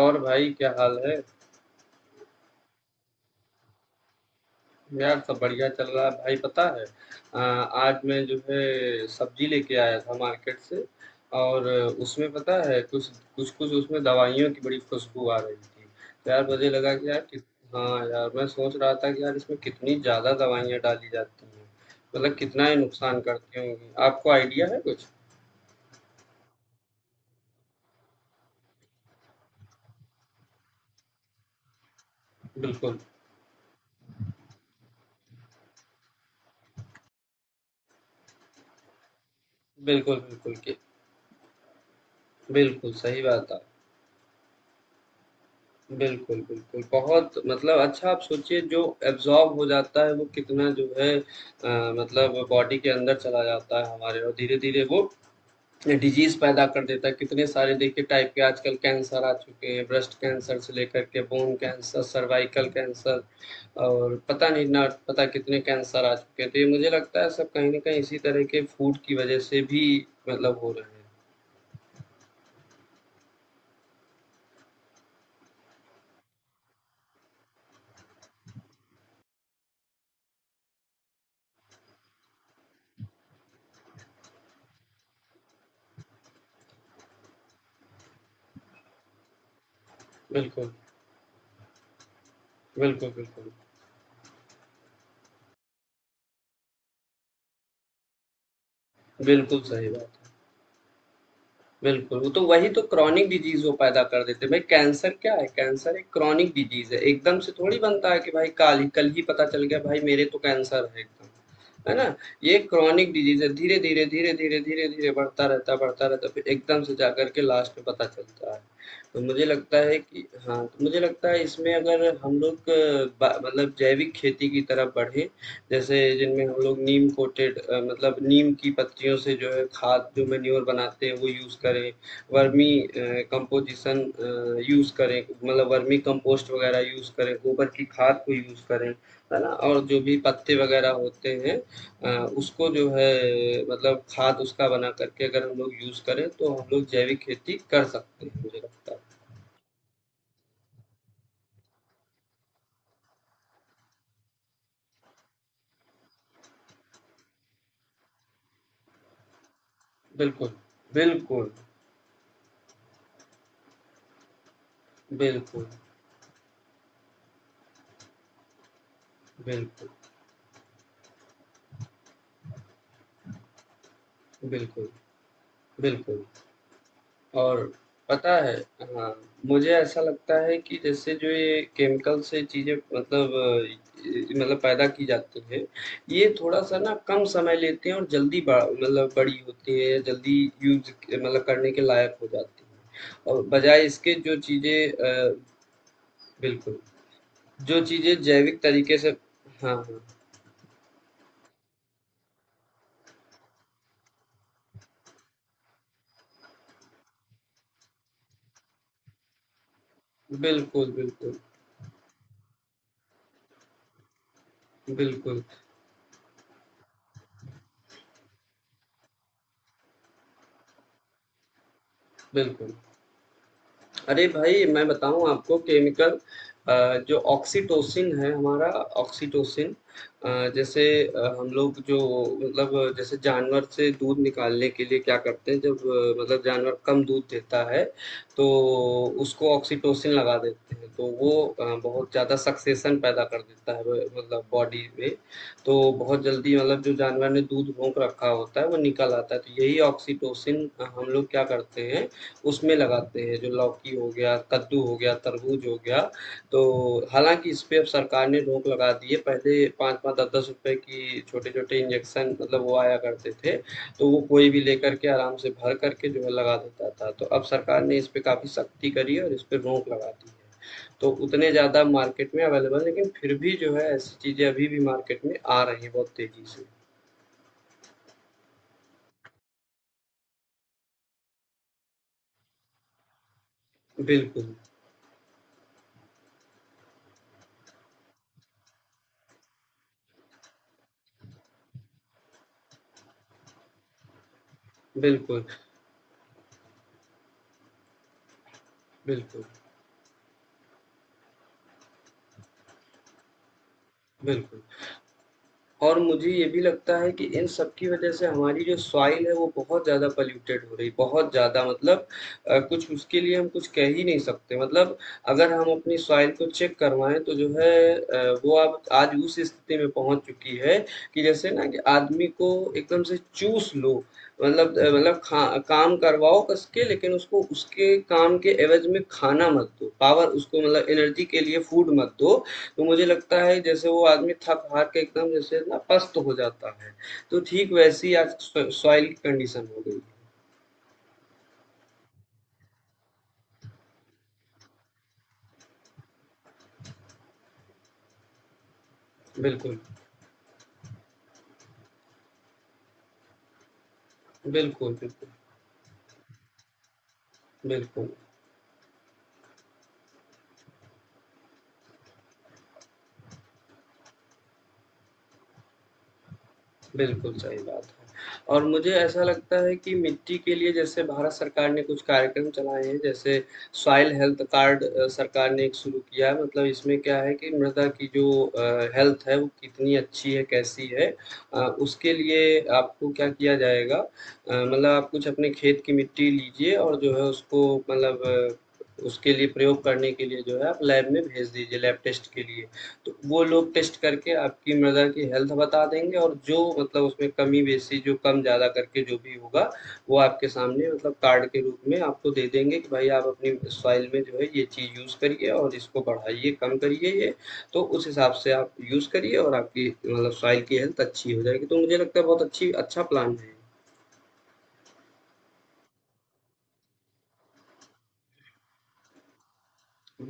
और भाई क्या हाल है? यार सब बढ़िया चल रहा है भाई पता है। आज मैं जो है सब्जी लेके आया था मार्केट से और उसमें पता है कुछ कुछ कुछ उसमें दवाइयों की बड़ी खुशबू आ रही थी। तो यार मुझे लगा कि यार कित हाँ यार मैं सोच रहा था कि यार इसमें कितनी ज़्यादा दवाइयाँ डाली जाती हैं, मतलब कितना ही नुकसान करती होंगी, आपको आइडिया है कुछ? बिल्कुल बिल्कुल बिल्कुल कि बिल्कुल सही बात। बिल्कुल, बिल्कुल। बहुत मतलब अच्छा, आप सोचिए जो एब्ज़ॉर्ब हो जाता है वो कितना जो है मतलब बॉडी के अंदर चला जाता है हमारे, और धीरे-धीरे वो डिज़ीज़ पैदा कर देता है। कितने सारे देखिए टाइप के आजकल कैंसर आ चुके हैं, ब्रेस्ट कैंसर से लेकर के बोन कैंसर, सर्वाइकल कैंसर और पता नहीं ना पता कितने कैंसर आ चुके हैं। तो ये मुझे लगता है सब कहीं न कहीं इसी तरह के फूड की वजह से भी मतलब हो रहे हैं। बिल्कुल, बिल्कुल, बिल्कुल। बिल्कुल सही बात है। बिल्कुल, वो तो वही तो क्रॉनिक डिजीज़ वो पैदा कर देते हैं। भाई कैंसर क्या है? कैंसर एक क्रॉनिक डिजीज़ है। एकदम से थोड़ी बनता है कि भाई काल ही कल ही पता चल गया भाई मेरे तो कैंसर है एकदम। है ना? ये क्रॉनिक डिजीज़ है, धीरे-धीरे, धीरे-धीरे, धीरे-धीरे बढ़ता रहता है, बढ़ता रहता है, फिर एकदम से जाकर के लास्ट में पता चलता है। तो मुझे लगता है कि हाँ, तो मुझे लगता है इसमें अगर हम लोग ब मतलब जैविक खेती की तरफ बढ़े, जैसे जिनमें हम लोग नीम कोटेड मतलब नीम की पत्तियों से जो है खाद जो मैन्योर बनाते हैं वो यूज़ करें, वर्मी कंपोज़िशन यूज़ करें, मतलब वर्मी कंपोस्ट वगैरह यूज़ करें, गोबर की खाद को यूज़ करें, है ना? और जो भी पत्ते वगैरह होते हैं उसको जो है मतलब खाद उसका बना करके अगर हम लोग यूज़ करें तो हम लोग जैविक खेती कर सकते हैं, मुझे लगता है। बिल्कुल, बिल्कुल, बिल्कुल, बिल्कुल, बिल्कुल, बिल्कुल। और पता है हाँ, मुझे ऐसा लगता है कि जैसे जो ये केमिकल से चीज़ें मतलब मतलब पैदा की जाती हैं, ये थोड़ा सा ना कम समय लेते हैं और जल्दी बड़ा मतलब बड़ी होती है या जल्दी यूज मतलब करने के लायक हो जाती है, और बजाय इसके जो चीज़ें बिल्कुल, जो चीज़ें जैविक तरीके से हाँ हाँ बिल्कुल बिल्कुल बिल्कुल बिल्कुल। अरे भाई मैं बताऊं आपको, केमिकल जो ऑक्सीटोसिन है हमारा, ऑक्सीटोसिन जैसे हम लोग जो मतलब जैसे जानवर से दूध निकालने के लिए क्या करते हैं जब मतलब जानवर कम दूध देता है तो उसको ऑक्सीटोसिन लगा देते हैं तो वो बहुत ज़्यादा सक्सेशन पैदा कर देता है मतलब बॉडी में, तो बहुत जल्दी मतलब जो जानवर ने दूध रोक रखा होता है वो निकल आता है, तो यही ऑक्सीटोसिन हम लोग क्या करते हैं, उसमें लगाते हैं, जो लौकी हो गया, कद्दू हो गया, तरबूज हो गया। तो हालाँकि इस पे अब सरकार ने रोक लगा दी है, पहले 5-5, 10-10 रुपए की छोटे-छोटे इंजेक्शन मतलब वो आया करते थे, तो वो कोई भी लेकर के आराम से भर करके जो है लगा देता था। तो अब सरकार ने इस पे काफ़ी सख्ती करी है और इस पे रोक लगा दी है। तो उतने ज़्यादा मार्केट में अवेलेबल है, लेकिन फिर भी जो है ऐसी चीज़ें अभी भी मार्केट में आ रही हैं बहुत तेज़ी से। बिल्कुल, बिल्कुल, बिल्कुल, बिल्कुल। और मुझे ये भी लगता है कि इन सब की वजह से हमारी जो सॉइल है वो बहुत ज़्यादा पॉल्यूटेड हो रही, बहुत ज़्यादा मतलब कुछ उसके लिए हम कुछ कह ही नहीं सकते, मतलब अगर हम अपनी सॉइल को चेक करवाएं तो जो है वो आप आज उस स्थिति में पहुंच चुकी है कि जैसे ना कि आदमी को एकदम से चूस लो, मतलब मतलब खा काम करवाओ कस के लेकिन उसको उसके काम के एवज में खाना मत दो, पावर उसको मतलब एनर्जी के लिए फूड मत दो, तो मुझे लगता है जैसे वो आदमी थक-हार के एकदम जैसे ना पस्त हो जाता है, तो ठीक वैसी आज सॉ सॉइल की कंडीशन हो गई है। बिल्कुल, बिल्कुल, बिल्कुल, बिल्कुल। बिल्कुल सही बात है। और मुझे ऐसा लगता है कि मिट्टी के लिए जैसे भारत सरकार ने कुछ कार्यक्रम चलाए हैं, जैसे सॉइल हेल्थ कार्ड सरकार ने एक शुरू किया है, मतलब इसमें क्या है कि मृदा की जो हेल्थ है वो कितनी अच्छी है, कैसी है, अ, उसके लिए आपको क्या किया जाएगा, मतलब आप कुछ अपने खेत की मिट्टी लीजिए और जो है उसको मतलब अ, उसके लिए प्रयोग करने के लिए जो है आप लैब में भेज दीजिए, लैब टेस्ट के लिए। तो वो लोग टेस्ट करके आपकी मदर की हेल्थ बता देंगे, और जो मतलब उसमें कमी-बेशी जो कम-ज़्यादा करके जो भी होगा, वो आपके सामने मतलब कार्ड के रूप में आपको दे देंगे कि भाई आप अपनी सॉइल में जो है ये चीज़ यूज़ करिए और इसको बढ़ाइए, कम करिए ये। तो उस हिसाब से आप यूज़ करिए और आपकी मतलब सॉइल की हेल्थ अच्छी हो जाएगी। तो मुझे लगता है बहुत अच्छी अच्छा प्लान है।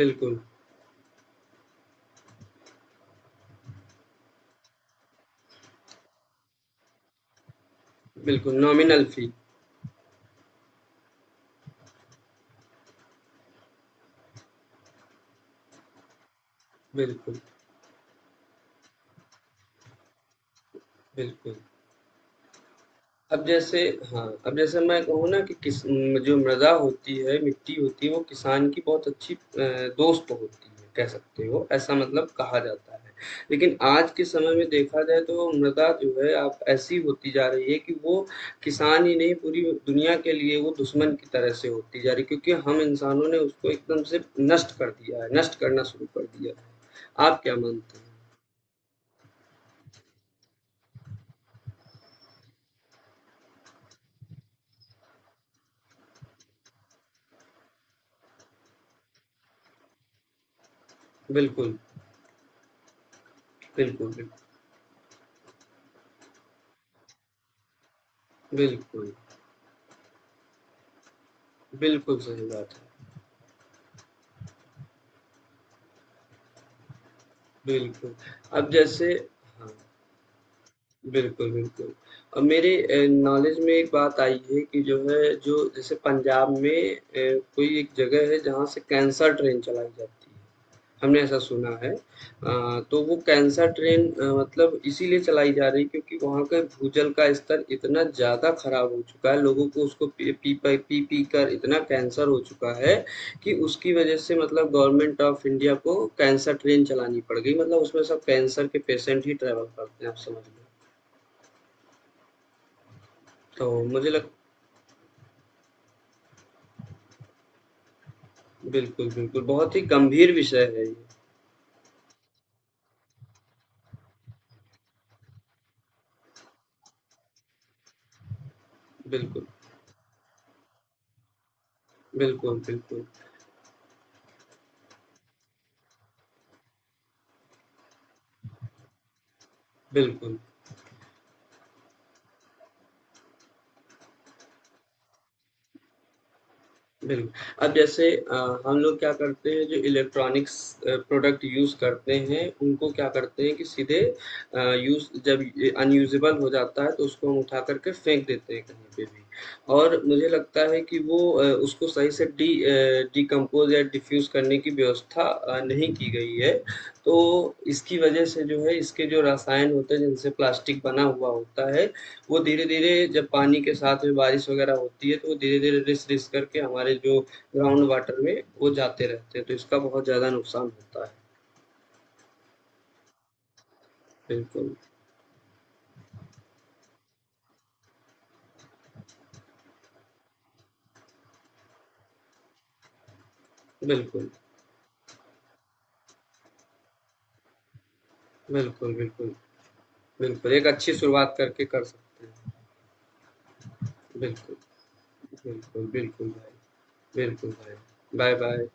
बिल्कुल, बिल्कुल, नॉमिनल फ़ी। बिल्कुल, बिल्कुल। अब जैसे हाँ, अब जैसे मैं कहूँ ना कि किस म जो मृदा होती है, मिट्टी होती है, वो किसान की बहुत अच्छी दोस्त होती है, कह सकते हो, ऐसा मतलब कहा जाता है। लेकिन आज के समय में देखा जाए तो मृदा जो है अब ऐसी होती जा रही है कि वो किसान ही नहीं, पूरी दुनिया के लिए वो दुश्मन की तरह से होती जा रही है, क्योंकि हम इंसानों ने उसको एकदम से नष्ट कर दिया है, नष्ट करना शुरू कर दिया है। आप क्या मानते हैं? बिल्कुल, बिल्कुल, बिल्कुल, बिल्कुल, बिल्कुल सही बात है। बिल्कुल, अब जैसे हाँ, बिल्कुल, बिल्कुल। अब मेरे नॉलेज में एक बात आई है कि जो है जो जैसे पंजाब में कोई एक जगह है जहाँ से कैंसर ट्रेन चलाई जाती है। हमने ऐसा सुना है। तो वो कैंसर ट्रेन मतलब इसीलिए चलाई जा रही है क्योंकि वहाँ का भूजल का स्तर इतना ज़्यादा खराब हो चुका है, लोगों को उसको पी पी प पी पी कर इतना कैंसर हो चुका है कि उसकी वजह से मतलब गवर्नमेंट ऑफ इंडिया को कैंसर ट्रेन चलानी पड़ गई। मतलब उसमें सब कैंसर के पेशेंट ही ट्रैवल करते हैं, आप समझ लो। तो मुझे लग बिल्कुल, बिल्कुल, बहुत ही गंभीर विषय है ये। बिल्कुल, बिल्कुल, बिल्कुल, बिल्कुल। बिल्कुल। अब जैसे हम लोग क्या करते हैं जो इलेक्ट्रॉनिक्स प्रोडक्ट यूज़ करते हैं, उनको क्या करते हैं कि सीधे यूज़ जब ये अनयूज़ेबल हो जाता है तो उसको हम उठा कर के फेंक देते हैं कहीं पे भी। और मुझे लगता है कि वो उसको सही से डिकम्पोज़ या डिफ्यूज़ करने की व्यवस्था नहीं की गई है। तो इसकी वज़ह से जो है इसके जो रसायन होते हैं जिनसे प्लास्टिक बना हुआ होता है, वो धीरे-धीरे जब पानी के साथ में बारिश वग़ैरह होती है, तो वो धीरे-धीरे रिस-रिस करके हमारे जो ग्राउंड वाटर में वो जाते रहते हैं, तो इसका बहुत ज़्यादा नुकसान होता है। बिल्कुल, बिल्कुल, बिल्कुल, बिल्कुल, बिल्कुल, एक अच्छी शुरुआत करके कर सकते हैं। बिल्कुल, बिल्कुल, बिल्कुल भाई। बिल्कुल भाई। बाय-बाय।